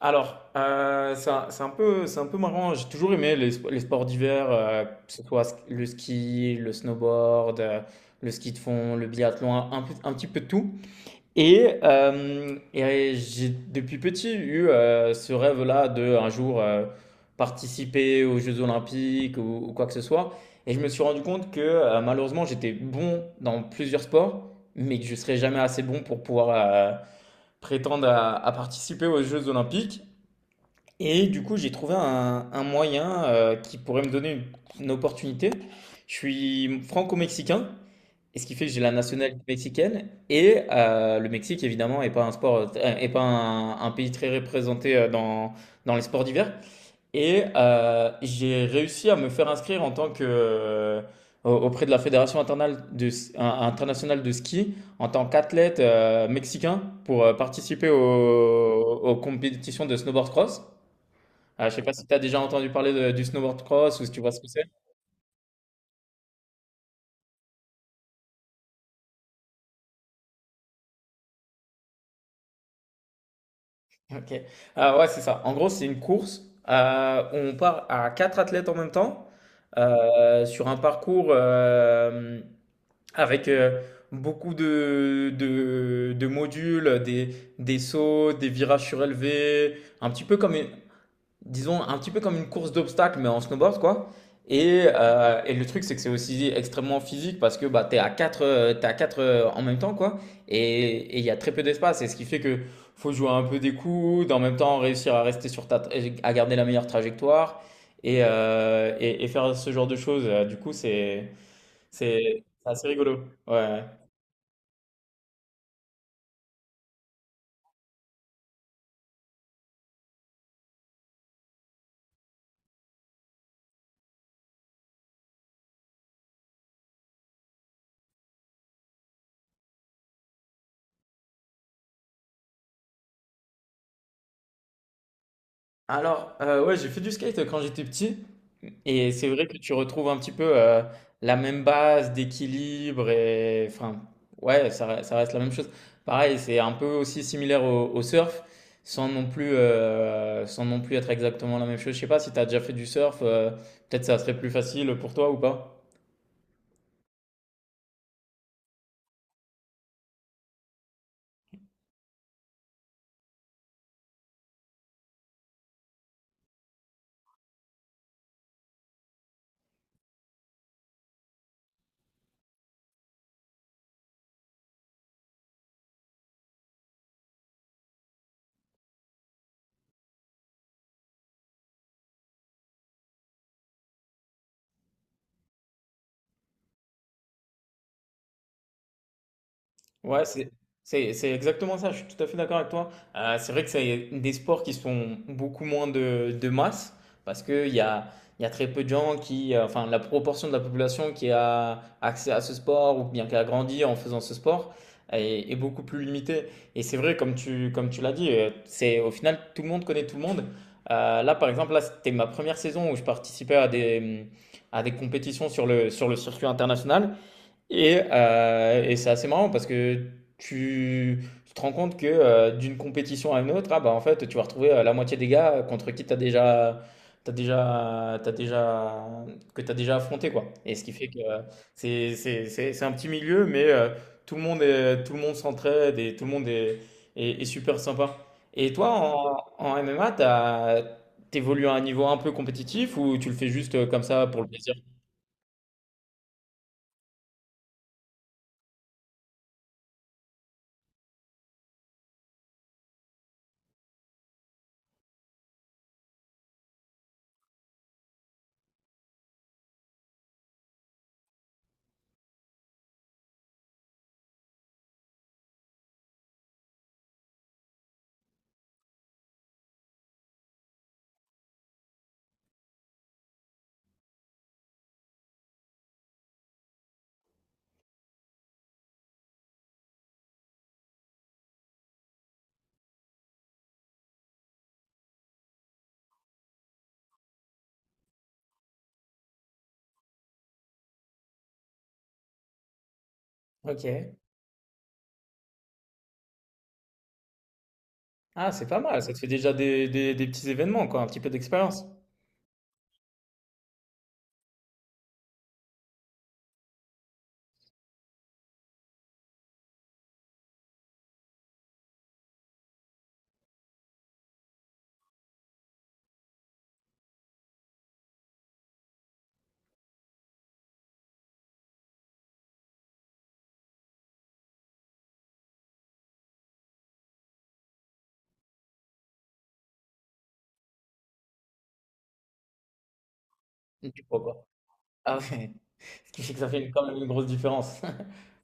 C'est un peu marrant. J'ai toujours aimé les sports d'hiver, que ce soit le ski, le snowboard, le ski de fond, le biathlon, un petit peu de tout. Et j'ai depuis petit eu ce rêve-là de un jour participer aux Jeux Olympiques ou quoi que ce soit. Et je me suis rendu compte que malheureusement j'étais bon dans plusieurs sports, mais que je serais jamais assez bon pour pouvoir prétendre à participer aux Jeux Olympiques. Et du coup, j'ai trouvé un moyen qui pourrait me donner une opportunité. Je suis franco-mexicain, et ce qui fait que j'ai la nationalité mexicaine. Le Mexique, évidemment, n'est pas un sport, est pas un, un pays très représenté dans, dans les sports d'hiver. J'ai réussi à me faire inscrire en tant que auprès de la Fédération internationale internationale de ski en tant qu'athlète mexicain pour participer aux, aux compétitions de snowboard cross. Ah, je sais pas si tu as déjà entendu parler du snowboard cross ou si tu vois ce que c'est. Ok. Ah ouais, c'est ça. En gros, c'est une course où on part à quatre athlètes en même temps sur un parcours avec beaucoup de modules, des sauts, des virages surélevés, un petit peu comme une- disons, un petit peu comme une course d'obstacles, mais en snowboard, quoi. Et le truc, c'est que c'est aussi extrêmement physique parce que bah, tu es à 4, t'es à quatre en même temps, quoi. Et il y a très peu d'espace. Et ce qui fait que faut jouer un peu des coudes, en même temps réussir à rester sur ta, à garder la meilleure trajectoire et faire ce genre de choses. Du coup, c'est assez rigolo. Ouais. Ouais, j'ai fait du skate quand j'étais petit. Et c'est vrai que tu retrouves un petit peu la même base d'équilibre et enfin, ouais, ça reste la même chose. Pareil, c'est un peu aussi similaire au, au surf, sans non plus être exactement la même chose. Je sais pas si tu as déjà fait du surf, peut-être ça serait plus facile pour toi ou pas. Ouais, c'est exactement ça, je suis tout à fait d'accord avec toi. C'est vrai que c'est des sports qui sont beaucoup moins de masse, parce il y a très peu de gens qui, enfin la proportion de la population qui a accès à ce sport ou bien qui a grandi en faisant ce sport est, est beaucoup plus limitée. Et c'est vrai, comme tu l'as dit, c'est au final tout le monde connaît tout le monde. Par exemple, là, c'était ma première saison où je participais à des compétitions sur le circuit international. Et c'est assez marrant parce que tu te rends compte que d'une compétition à une autre, ah bah en fait, tu vas retrouver la moitié des gars contre qui tu as déjà, t'as déjà, t'as déjà, que tu as déjà affronté, quoi. Et ce qui fait que c'est un petit milieu, tout le monde s'entraide et tout le monde est super sympa. Et toi, en MMA, t'évolues à un niveau un peu compétitif ou tu le fais juste comme ça pour le plaisir? Ok. Ah, c'est pas mal, ça te fait déjà des, des petits événements, quoi, un petit peu d'expérience. Ok, pourquoi quoi Ah ouais, ce qui fait que ça fait quand même une grosse différence.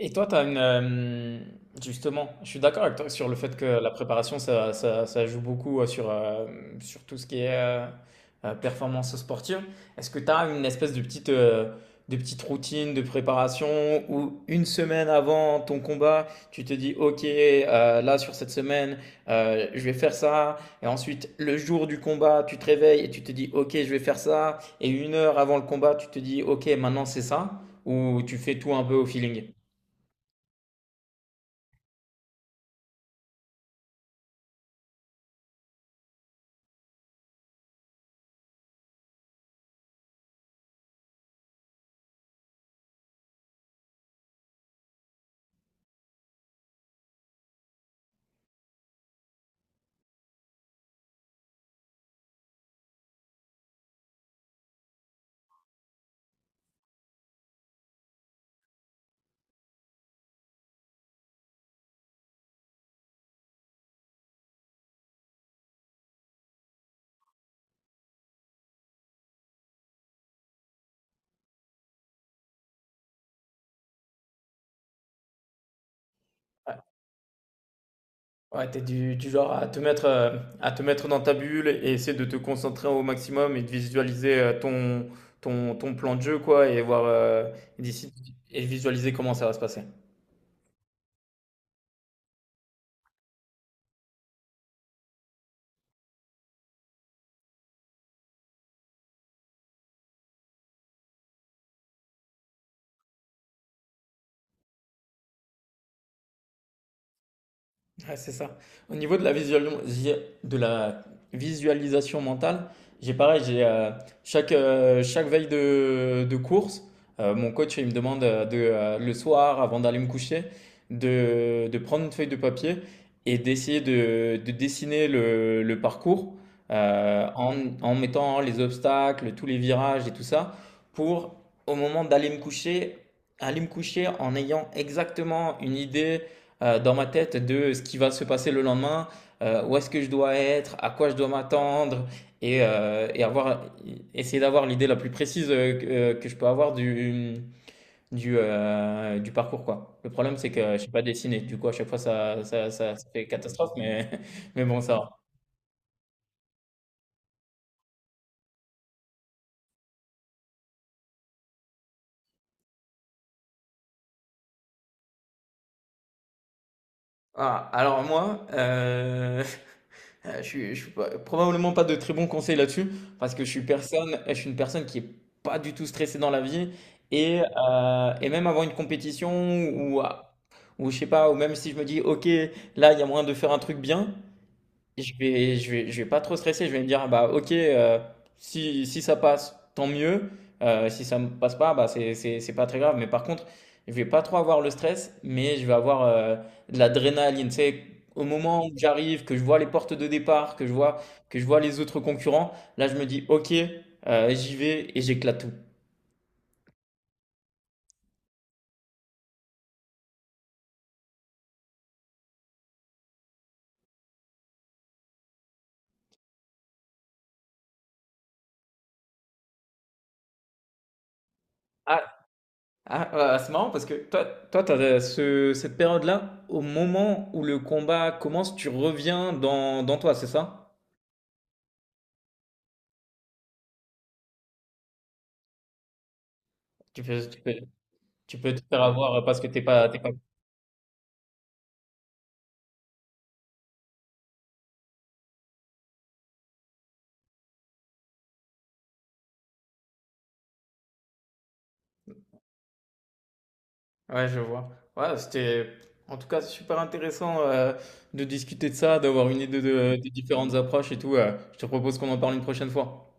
Et toi, tu as une... justement, je suis d'accord avec toi sur le fait que la préparation, ça joue beaucoup sur sur tout ce qui est performance sportive. Est-ce que tu as une espèce de petite routine de préparation où une semaine avant ton combat, tu te dis, OK, là, sur cette semaine, je vais faire ça. Et ensuite, le jour du combat, tu te réveilles et tu te dis, OK, je vais faire ça. Et une heure avant le combat, tu te dis, OK, maintenant, c'est ça. Ou tu fais tout un peu au feeling? Ouais, tu du genre à te mettre dans ta bulle et essayer de te concentrer au maximum et de visualiser, ton ton plan de jeu quoi et voir, d'ici et visualiser comment ça va se passer. Ouais, c'est ça. Au niveau de la visualisation mentale, j'ai pareil, j'ai chaque, chaque veille de course, mon coach il me demande le soir, avant d'aller me coucher, de prendre une feuille de papier et d'essayer de dessiner le parcours euh, en, en mettant les obstacles, tous les virages et tout ça, pour au moment d'aller me coucher, aller me coucher en ayant exactement une idée dans ma tête de ce qui va se passer le lendemain, où est-ce que je dois être, à quoi je dois m'attendre, et, avoir, essayer d'avoir l'idée la plus précise que je peux avoir du parcours, quoi. Le problème, c'est que je ne sais pas dessiner, du coup, à chaque fois, ça fait catastrophe, mais, mais bon, ça va. Ah, alors moi, je suis pas probablement pas de très bons conseils là-dessus, parce que je suis une personne qui est pas du tout stressée dans la vie et même avant une compétition ou à ou je sais pas, ou même si je me dis: «OK, là, il y a moyen de faire un truc bien», je vais pas trop stresser. Je vais me dire, bah, ok, si, si ça passe, tant mieux. Si ça ne passe pas, bah, c'est pas très grave. Mais par contre, je vais pas trop avoir le stress, mais je vais avoir de l'adrénaline. Tu sais, au moment où j'arrive, que je vois les portes de départ, que je vois les autres concurrents, là, je me dis, ok, j'y vais et j'éclate tout. Ah, c'est marrant parce que toi, toi, cette période-là, au moment où le combat commence, tu reviens dans toi, c'est ça? Tu peux, tu peux, tu peux te faire avoir parce que t'es pas. Ouais, je vois. Ouais, c'était en tout cas super intéressant de discuter de ça, d'avoir une idée de, des différentes approches et tout. Je te propose qu'on en parle une prochaine fois.